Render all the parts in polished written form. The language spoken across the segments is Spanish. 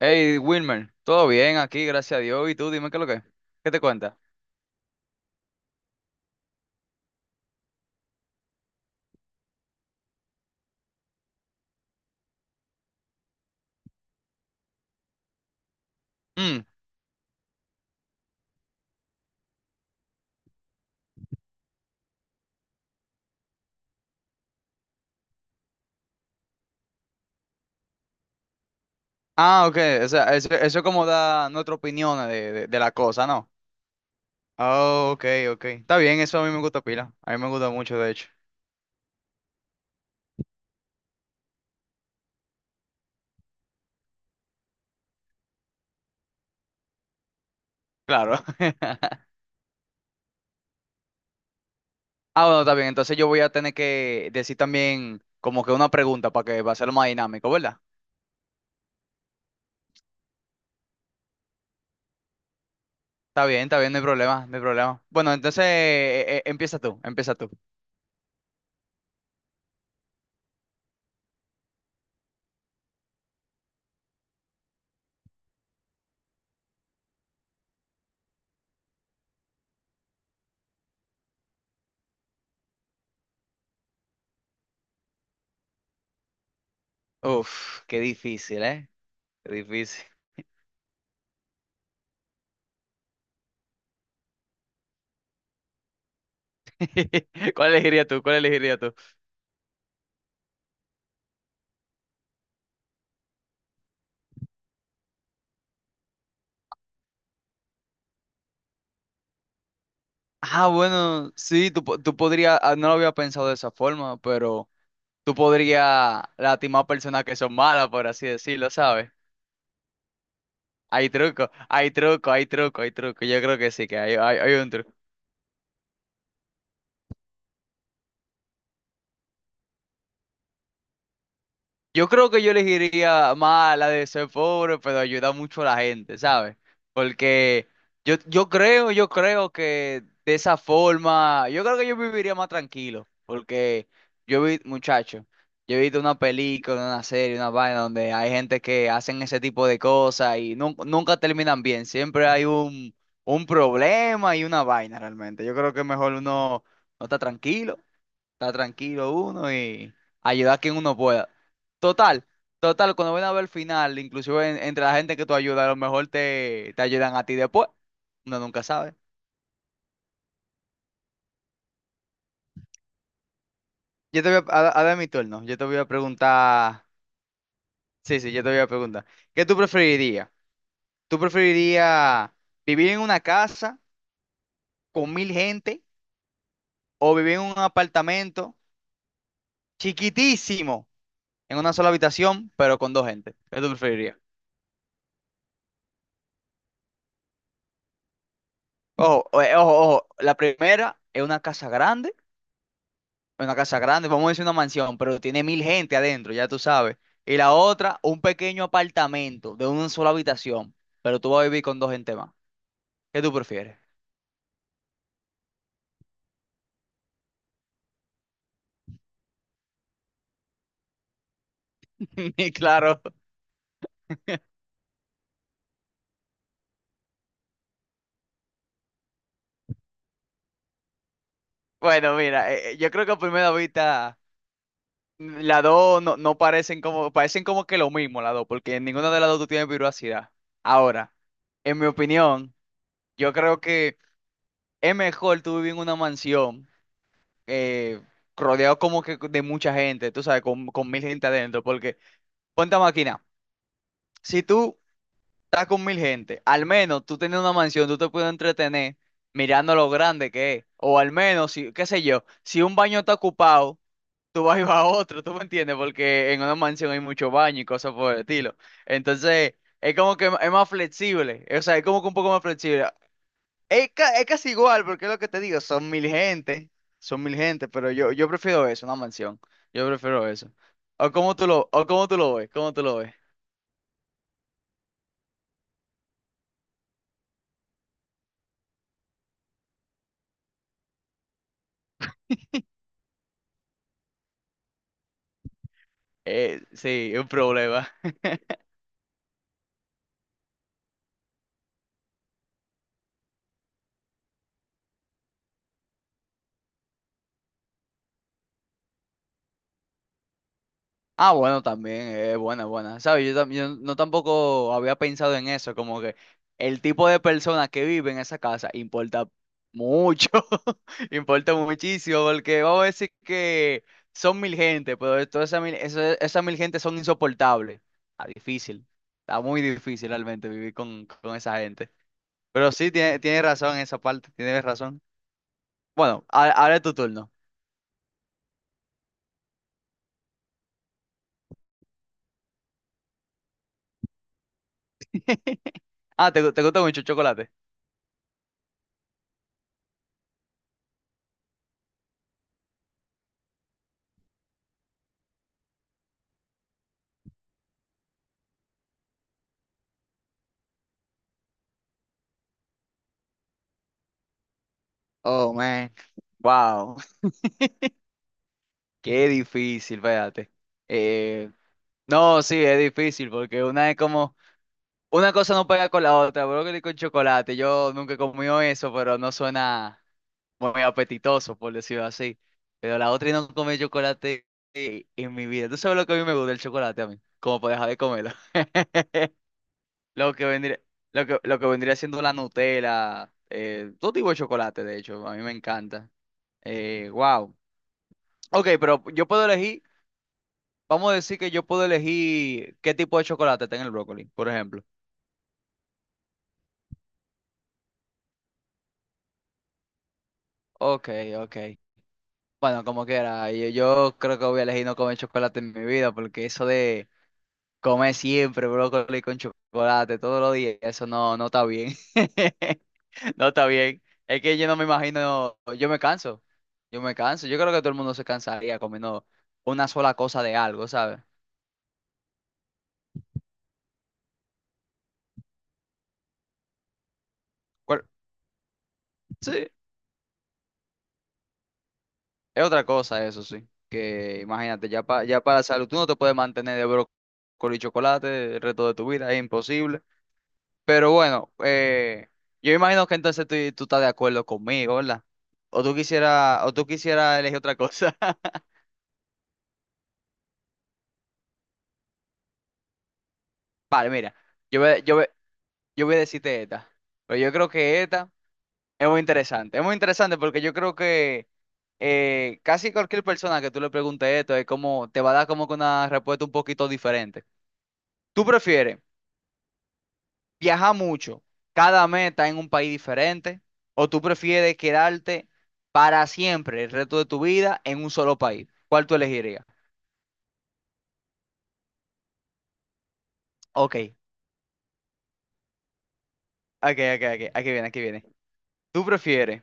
Hey, Wilmer, todo bien aquí, gracias a Dios. ¿Y tú, dime qué es lo que es? ¿Qué te cuentas? Mm. Ah, ok, o sea, eso es como da nuestra opinión de la cosa, ¿no? Ah, ok, ok. Está bien, eso a mí me gusta pila. A mí me gusta mucho, de hecho. Claro. Ah, bueno, está bien. Entonces yo voy a tener que decir también como que una pregunta para que va a ser más dinámico, ¿verdad? Está bien, no hay problema, no hay problema. Bueno, entonces empieza tú, empieza tú. Uf, qué difícil, ¿eh? Qué difícil. ¿Cuál elegirías tú? ¿Cuál elegirías tú? Ah, bueno, sí, tú podrías, no lo había pensado de esa forma, pero tú podrías lastimar a personas que son malas, por así decirlo, ¿sabes? Hay truco, hay truco, hay truco, hay truco. Yo creo que sí, que hay un truco. Yo creo que yo elegiría más la de ser pobre, pero ayuda mucho a la gente, ¿sabes? Porque yo creo que de esa forma, yo creo que yo viviría más tranquilo, porque yo vi, muchacho, yo he visto una película, una serie, una vaina donde hay gente que hacen ese tipo de cosas y nunca terminan bien, siempre hay un problema y una vaina realmente. Yo creo que mejor uno no está tranquilo. Está tranquilo uno y ayudar a quien uno pueda. Total, total, cuando ven a ver el final, inclusive entre la gente que tú ayudas, a lo mejor te ayudan a ti después. Uno nunca sabe. Yo te voy a ver mi turno. Yo te voy a preguntar. Sí, sí, yo te voy a preguntar. ¿Qué tú preferirías? ¿Tú preferirías vivir en una casa con 1.000 gente o vivir en un apartamento chiquitísimo, en una sola habitación, pero con dos gente? ¿Qué tú preferirías? Ojo, ojo. La primera es una casa grande, vamos a decir una mansión, pero tiene 1.000 gente adentro, ya tú sabes. Y la otra, un pequeño apartamento de una sola habitación, pero tú vas a vivir con dos gente más. ¿Qué tú prefieres? Y claro, bueno, mira, yo creo que a primera vista las dos no parecen como, que lo mismo las dos, porque en ninguna de las dos tú tienes privacidad. Ahora, en mi opinión, yo creo que es mejor tú vivir en una mansión, eh, rodeado como que de mucha gente, tú sabes, con 1.000 gente adentro, porque ponte a máquina. Si tú estás con 1.000 gente, al menos tú tienes una mansión, tú te puedes entretener mirando lo grande que es. O al menos, si, qué sé yo, si un baño está ocupado, tú vas y vas a otro, ¿tú me entiendes? Porque en una mansión hay mucho baño y cosas por el estilo. Entonces, es como que es más flexible. O sea, es como que un poco más flexible. Es casi igual, porque es lo que te digo, son mil gente, pero yo prefiero eso, una mansión. Yo prefiero eso. ¿O cómo tú lo ves? ¿Cómo tú lo ves? Sí, es un problema. Ah, bueno, también, es buena, buena. ¿Sabes? Yo no tampoco había pensado en eso, como que el tipo de persona que vive en esa casa importa mucho, importa muchísimo, porque vamos a decir que son 1.000 gente, pero de todas esas mil, esas 1.000 gente son insoportables. Está difícil, está muy difícil realmente vivir con esa gente. Pero sí, tienes razón en esa parte, tienes razón. Bueno, ahora es tu turno. Ah, ¿te gusta mucho el chocolate? Oh, man. Wow. Qué difícil, fíjate. Eh, no, sí, es difícil porque una es como, una cosa no pega con la otra, brócoli con chocolate. Yo nunca he comido eso, pero no suena muy apetitoso, por decirlo así. Pero la otra y no comer chocolate, en mi vida. ¿Tú sabes lo que a mí me gusta el chocolate a mí? Como para dejar de comerlo. Lo que vendría, lo que vendría siendo la Nutella, todo tipo de chocolate, de hecho, a mí me encanta. Wow. Ok, pero yo puedo elegir. Vamos a decir que yo puedo elegir qué tipo de chocolate está en el brócoli, por ejemplo. Ok, ok. Bueno, como quiera, yo creo que voy a elegir no comer chocolate en mi vida, porque eso de comer siempre brócoli con chocolate todos los días, eso no está bien. No está bien. Es que yo no me imagino, yo me canso, yo me canso. Yo creo que todo el mundo se cansaría comiendo una sola cosa de algo, ¿sabes? ¿Cuál, Sí. Es otra cosa eso, sí. Que imagínate, ya, para salud, tú no te puedes mantener de brócoli y chocolate el resto de tu vida, es imposible. Pero bueno, yo imagino que entonces tú estás de acuerdo conmigo, ¿verdad? O tú quisieras elegir otra cosa. Vale, mira, yo voy, yo voy- yo voy a decirte esta. Pero yo creo que esta es muy interesante. Es muy interesante porque yo creo que, casi cualquier persona que tú le preguntes esto es como, te va a dar como que una respuesta un poquito diferente. ¿Tú prefieres viajar mucho, cada mes está en un país diferente, o tú prefieres quedarte para siempre el resto de tu vida en un solo país? ¿Cuál tú elegirías? Ok, ok, ok, ok, aquí viene, aquí viene. ¿Tú prefieres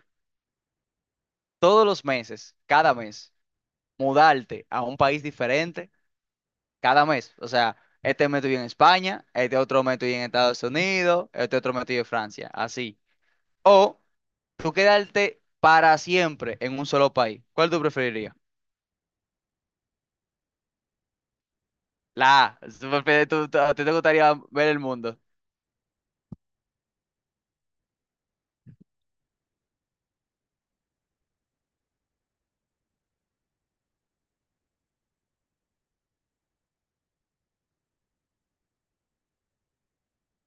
todos los meses, cada mes, mudarte a un país diferente? Cada mes, o sea, este mes estoy en España, este otro mes estoy en Estados Unidos, este otro mes estoy en Francia, así. ¿O tú quedarte para siempre en un solo país? ¿Cuál tú preferirías? La A. ¿A ti te gustaría ver el mundo?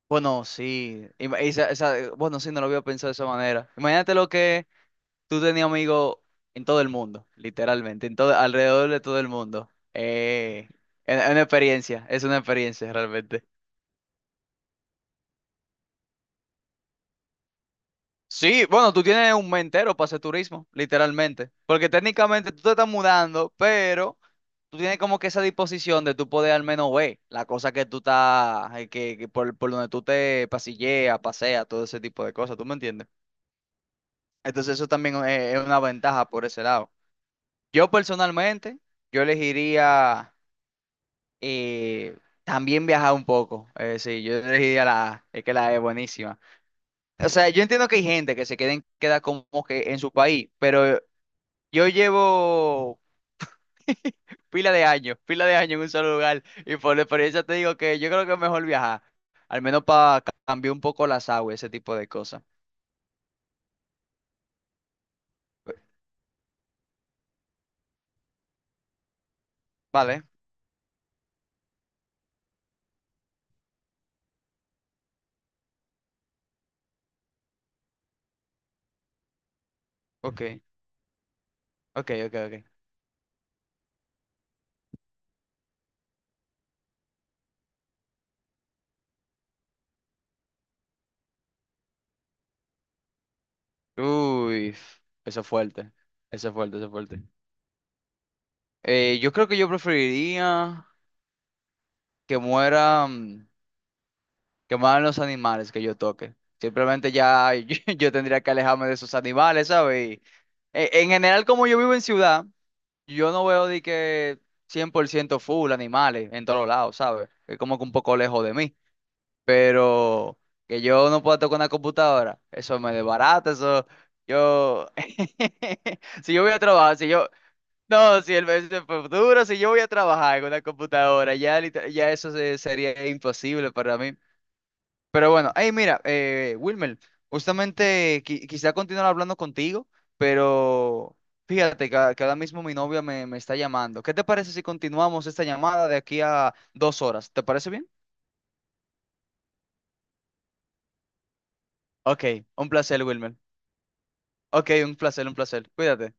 Bueno, sí. Bueno, sí, no lo había pensado de esa manera. Imagínate lo que tú tenías amigos en todo el mundo, literalmente, en todo, alrededor de todo el mundo. Es una experiencia, es una experiencia realmente. Sí, bueno, tú tienes un mes entero para hacer turismo, literalmente. Porque técnicamente tú te estás mudando, pero tú tienes como que esa disposición de tú poder al menos ver la cosa que tú estás, que por, donde tú te paseas, todo ese tipo de cosas, ¿tú me entiendes? Entonces eso también, es una ventaja por ese lado. Yo personalmente, yo elegiría, eh, también viajar un poco. Sí, yo elegiría la A, es que la A es buenísima. O sea, yo entiendo que hay gente que se queda como que en su país, pero yo llevo pila de años en un solo lugar y por la experiencia te digo que yo creo que es mejor viajar, al menos para cambiar un poco las aguas, ese tipo de cosas. Vale, ok, ok, ok, ok. Uy, eso es fuerte, eso es fuerte, eso es fuerte. Yo creo que yo preferiría que mueran, que mueran los animales que yo toque. Simplemente ya yo tendría que alejarme de esos animales, ¿sabes? Y, en general, como yo vivo en ciudad, yo no veo de que 100% full animales en todos lados, ¿sabes? Es como que un poco lejos de mí. Pero que yo no pueda tocar una computadora, eso me desbarata, eso. Yo. Si yo voy a trabajar, si yo. No, si el mes de futuro, si yo voy a trabajar con una computadora, ya, ya eso sería imposible para mí. Pero bueno, hey, mira, Wilmer, justamente quisiera continuar hablando contigo, pero fíjate que ahora mismo mi novia me está llamando. ¿Qué te parece si continuamos esta llamada de aquí a 2 horas? ¿Te parece bien? Ok, un placer, Wilmer. Ok, un placer, un placer. Cuídate.